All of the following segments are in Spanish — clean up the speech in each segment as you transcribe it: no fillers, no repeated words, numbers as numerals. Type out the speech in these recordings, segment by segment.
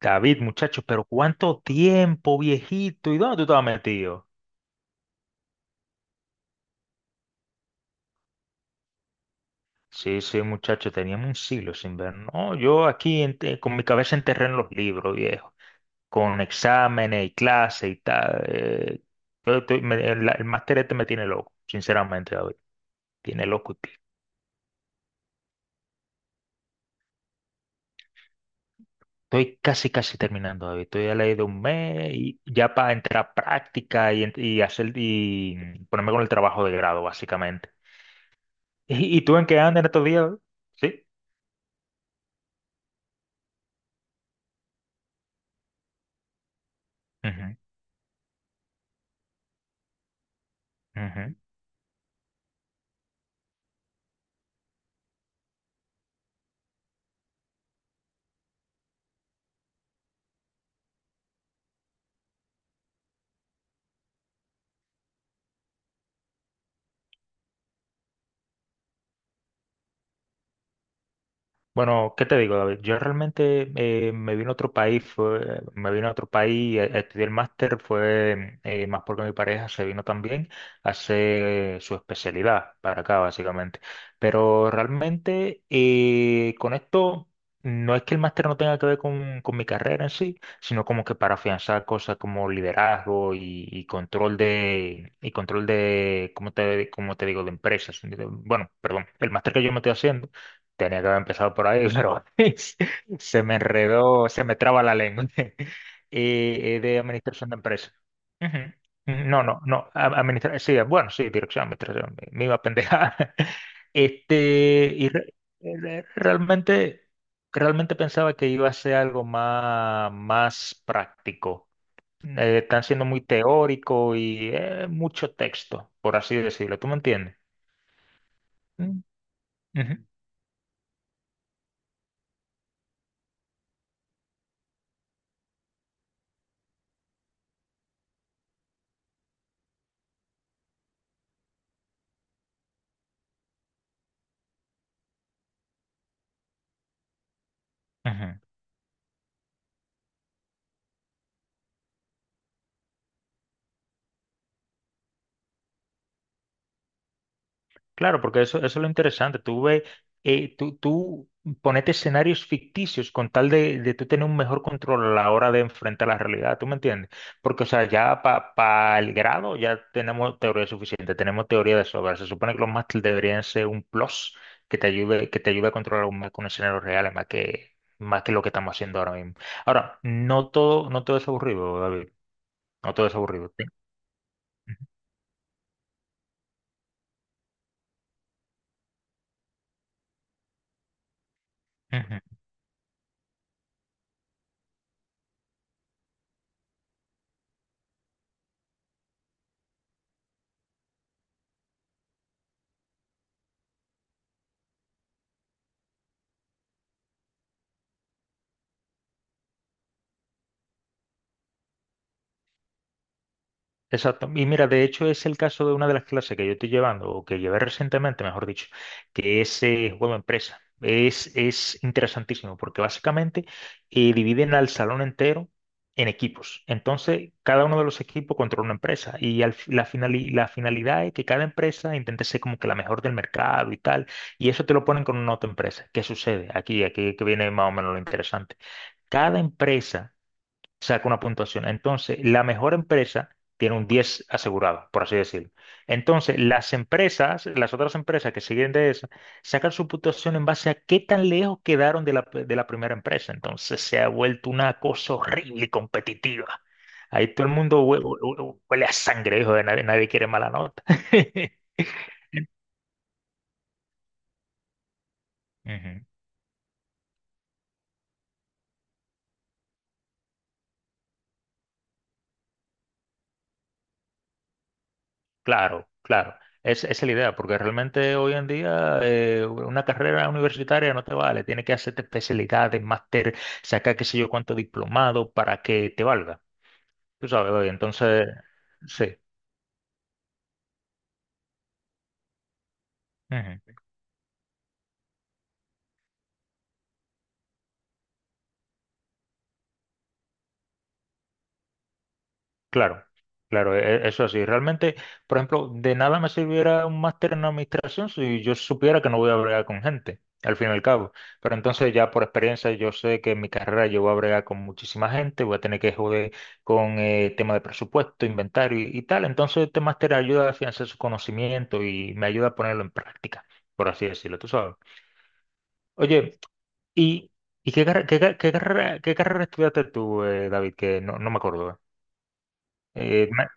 David, muchacho, pero ¿cuánto tiempo, viejito? ¿Y dónde tú estabas metido? Sí, sí, muchacho, teníamos un siglo sin ver. No, yo aquí con mi cabeza enterré en los libros, viejo, con exámenes y clases y tal. El máster este me tiene loco, sinceramente, David. Tiene loco. Estoy casi, casi terminando, David. Estoy a la ley de un mes y ya para entrar a práctica y hacer y ponerme con el trabajo de grado, básicamente. ¿Y tú en qué andas en estos días, David? Sí. Ujú, ujú. Bueno, ¿qué te digo, David? Yo realmente me vine a otro país, a estudiar el máster, fue más porque mi pareja se vino también a hacer su especialidad para acá, básicamente. Pero realmente con esto no es que el máster no tenga que ver con mi carrera en sí, sino como que para afianzar cosas como liderazgo y control de, ¿cómo te digo?, de empresas. Bueno, perdón, el máster que yo me estoy haciendo tenía que haber empezado por ahí, pero se me enredó, se me traba la lengua. Y de administración de empresas. Ujú. No, no, no. Administración, sí, bueno, sí, dirección, administración. Me iba a pendejar. Este, y re- realmente, realmente pensaba que iba a ser algo más, más práctico. Están siendo muy teórico y mucho texto, por así decirlo. ¿Tú me entiendes? Mm, ujú, ujú. Claro, porque eso es lo interesante. Tú ves, tú ponete escenarios ficticios con tal de tú tener un mejor control a la hora de enfrentar la realidad, ¿tú me entiendes? Porque, o sea, ya para el grado ya tenemos teoría suficiente, tenemos teoría de sobra. Se supone que los máster deberían ser un plus que te ayude a controlar con escenarios reales más que lo que estamos haciendo ahora mismo. Ahora, no todo, no todo es aburrido, David. No todo es aburrido. ¿Sí? Exacto. Y mira, de hecho es el caso de una de las clases que yo estoy llevando, o que llevé recientemente, mejor dicho, que es juego empresa. Es interesantísimo porque básicamente dividen al salón entero en equipos. Entonces, cada uno de los equipos controla una empresa y al fi- la, finali- la finalidad es que cada empresa intente ser como que la mejor del mercado y tal. Y eso te lo ponen con una otra empresa. ¿Qué sucede? Aquí que viene más o menos lo interesante. Cada empresa saca una puntuación. Entonces, la mejor empresa tiene un 10 asegurado, por así decirlo. Entonces, las otras empresas que siguen de esa, sacan su puntuación en base a qué tan lejos quedaron de la primera empresa. Entonces, se ha vuelto una cosa horrible y competitiva. Ahí todo el mundo huele, a sangre, hijo de nadie, nadie quiere mala nota. Ujú. Claro, claro. Esa es la idea, porque realmente hoy en día una carrera universitaria no te vale. Tienes que hacerte especialidades, máster, sacar qué sé yo cuánto diplomado para que te valga. Tú sabes, oye, entonces, sí. Ujú. Claro, claro, eso así. Realmente, por ejemplo, de nada me sirviera un máster en administración si yo supiera que no voy a bregar con gente, al fin y al cabo. Pero entonces ya por experiencia yo sé que en mi carrera yo voy a bregar con muchísima gente, voy a tener que joder con tema de presupuesto, inventario y tal. Entonces este máster ayuda a afianzar su conocimiento y me ayuda a ponerlo en práctica, por así decirlo, tú sabes. Oye, ¿y, y qué, carre- qué, ca- qué carrera estudiaste tú, David? Que no me acuerdo. Eh, ma-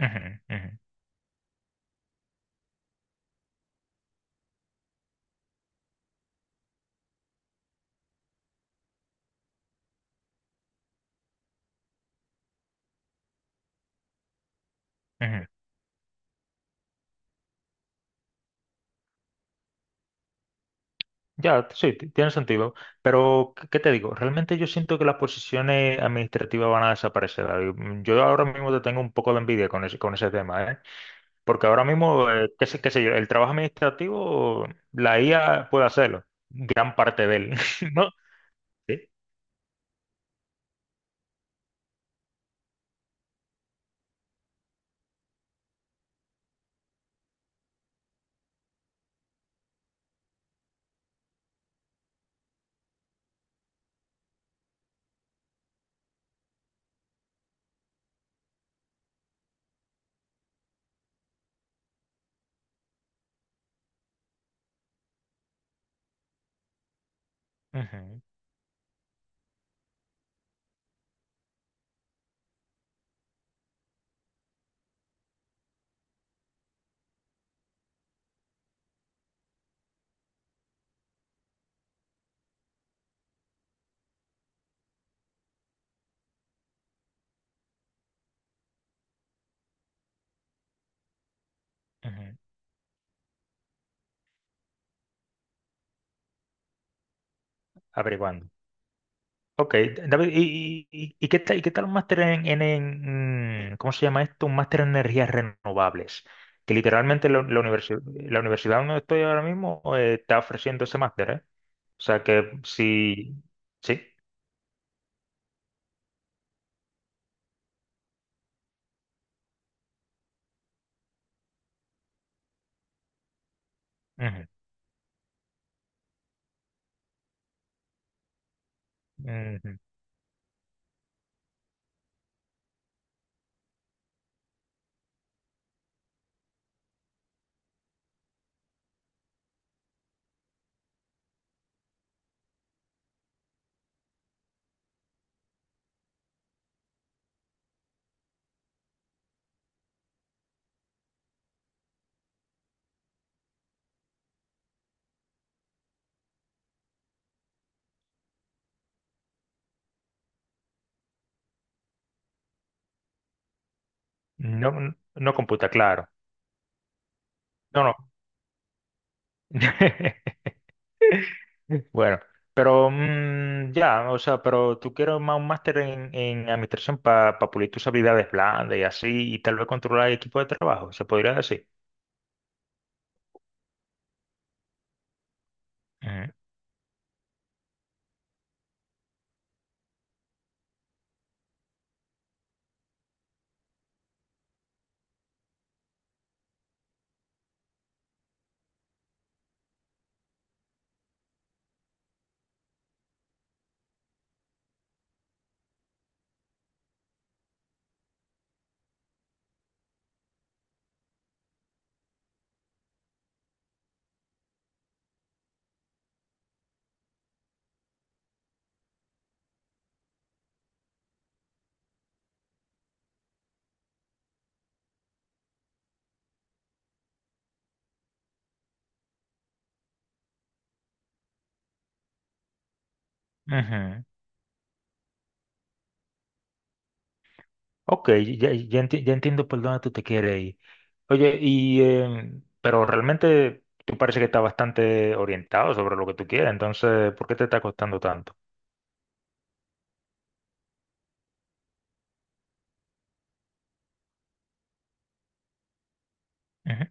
Ujú, ujú. Ujú. Ya, sí, tiene sentido. Pero, ¿qué te digo? Realmente yo siento que las posiciones administrativas van a desaparecer, David. Yo ahora mismo te tengo un poco de envidia con ese tema, ¿eh? Porque ahora mismo, qué sé yo, el trabajo administrativo, la IA puede hacerlo, gran parte de él, ¿no? Sí. Ujú, ujú. Averiguando. Ok, David, ¿y qué tal un máster en, en ¿cómo se llama esto? Un máster en energías renovables, que literalmente la universidad donde estoy ahora mismo está ofreciendo ese máster, ¿eh? O sea que sí, sí, ujú, ujú. No, no computa, claro, no, no. Bueno, pero ya, o sea, pero tú quieres más un máster en administración para pulir tus habilidades blandas y así, y tal vez controlar el equipo de trabajo, se podría decir. Ujú, ujú. Ok, ya entiendo por dónde tú te quieres ir. Oye, pero realmente tú parece que estás bastante orientado sobre lo que tú quieres, entonces, ¿por qué te está costando tanto? Ujú.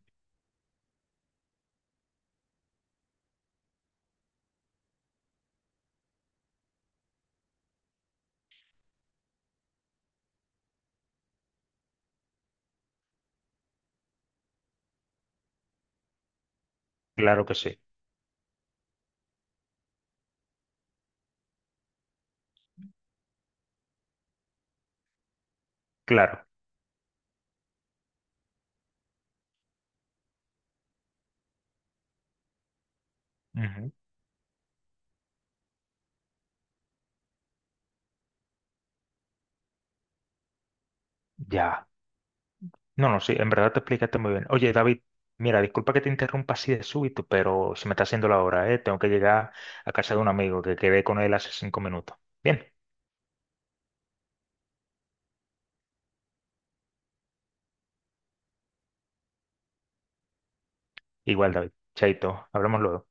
Claro que sí, claro. Ujú. Ya. No, no, sí, en verdad te explicaste muy bien. Oye, David, mira, disculpa que te interrumpa así de súbito, pero se me está haciendo la hora, ¿eh? Tengo que llegar a casa de un amigo que quedé con él hace 5 minutos. Bien, igual, David. Chaito, hablamos luego.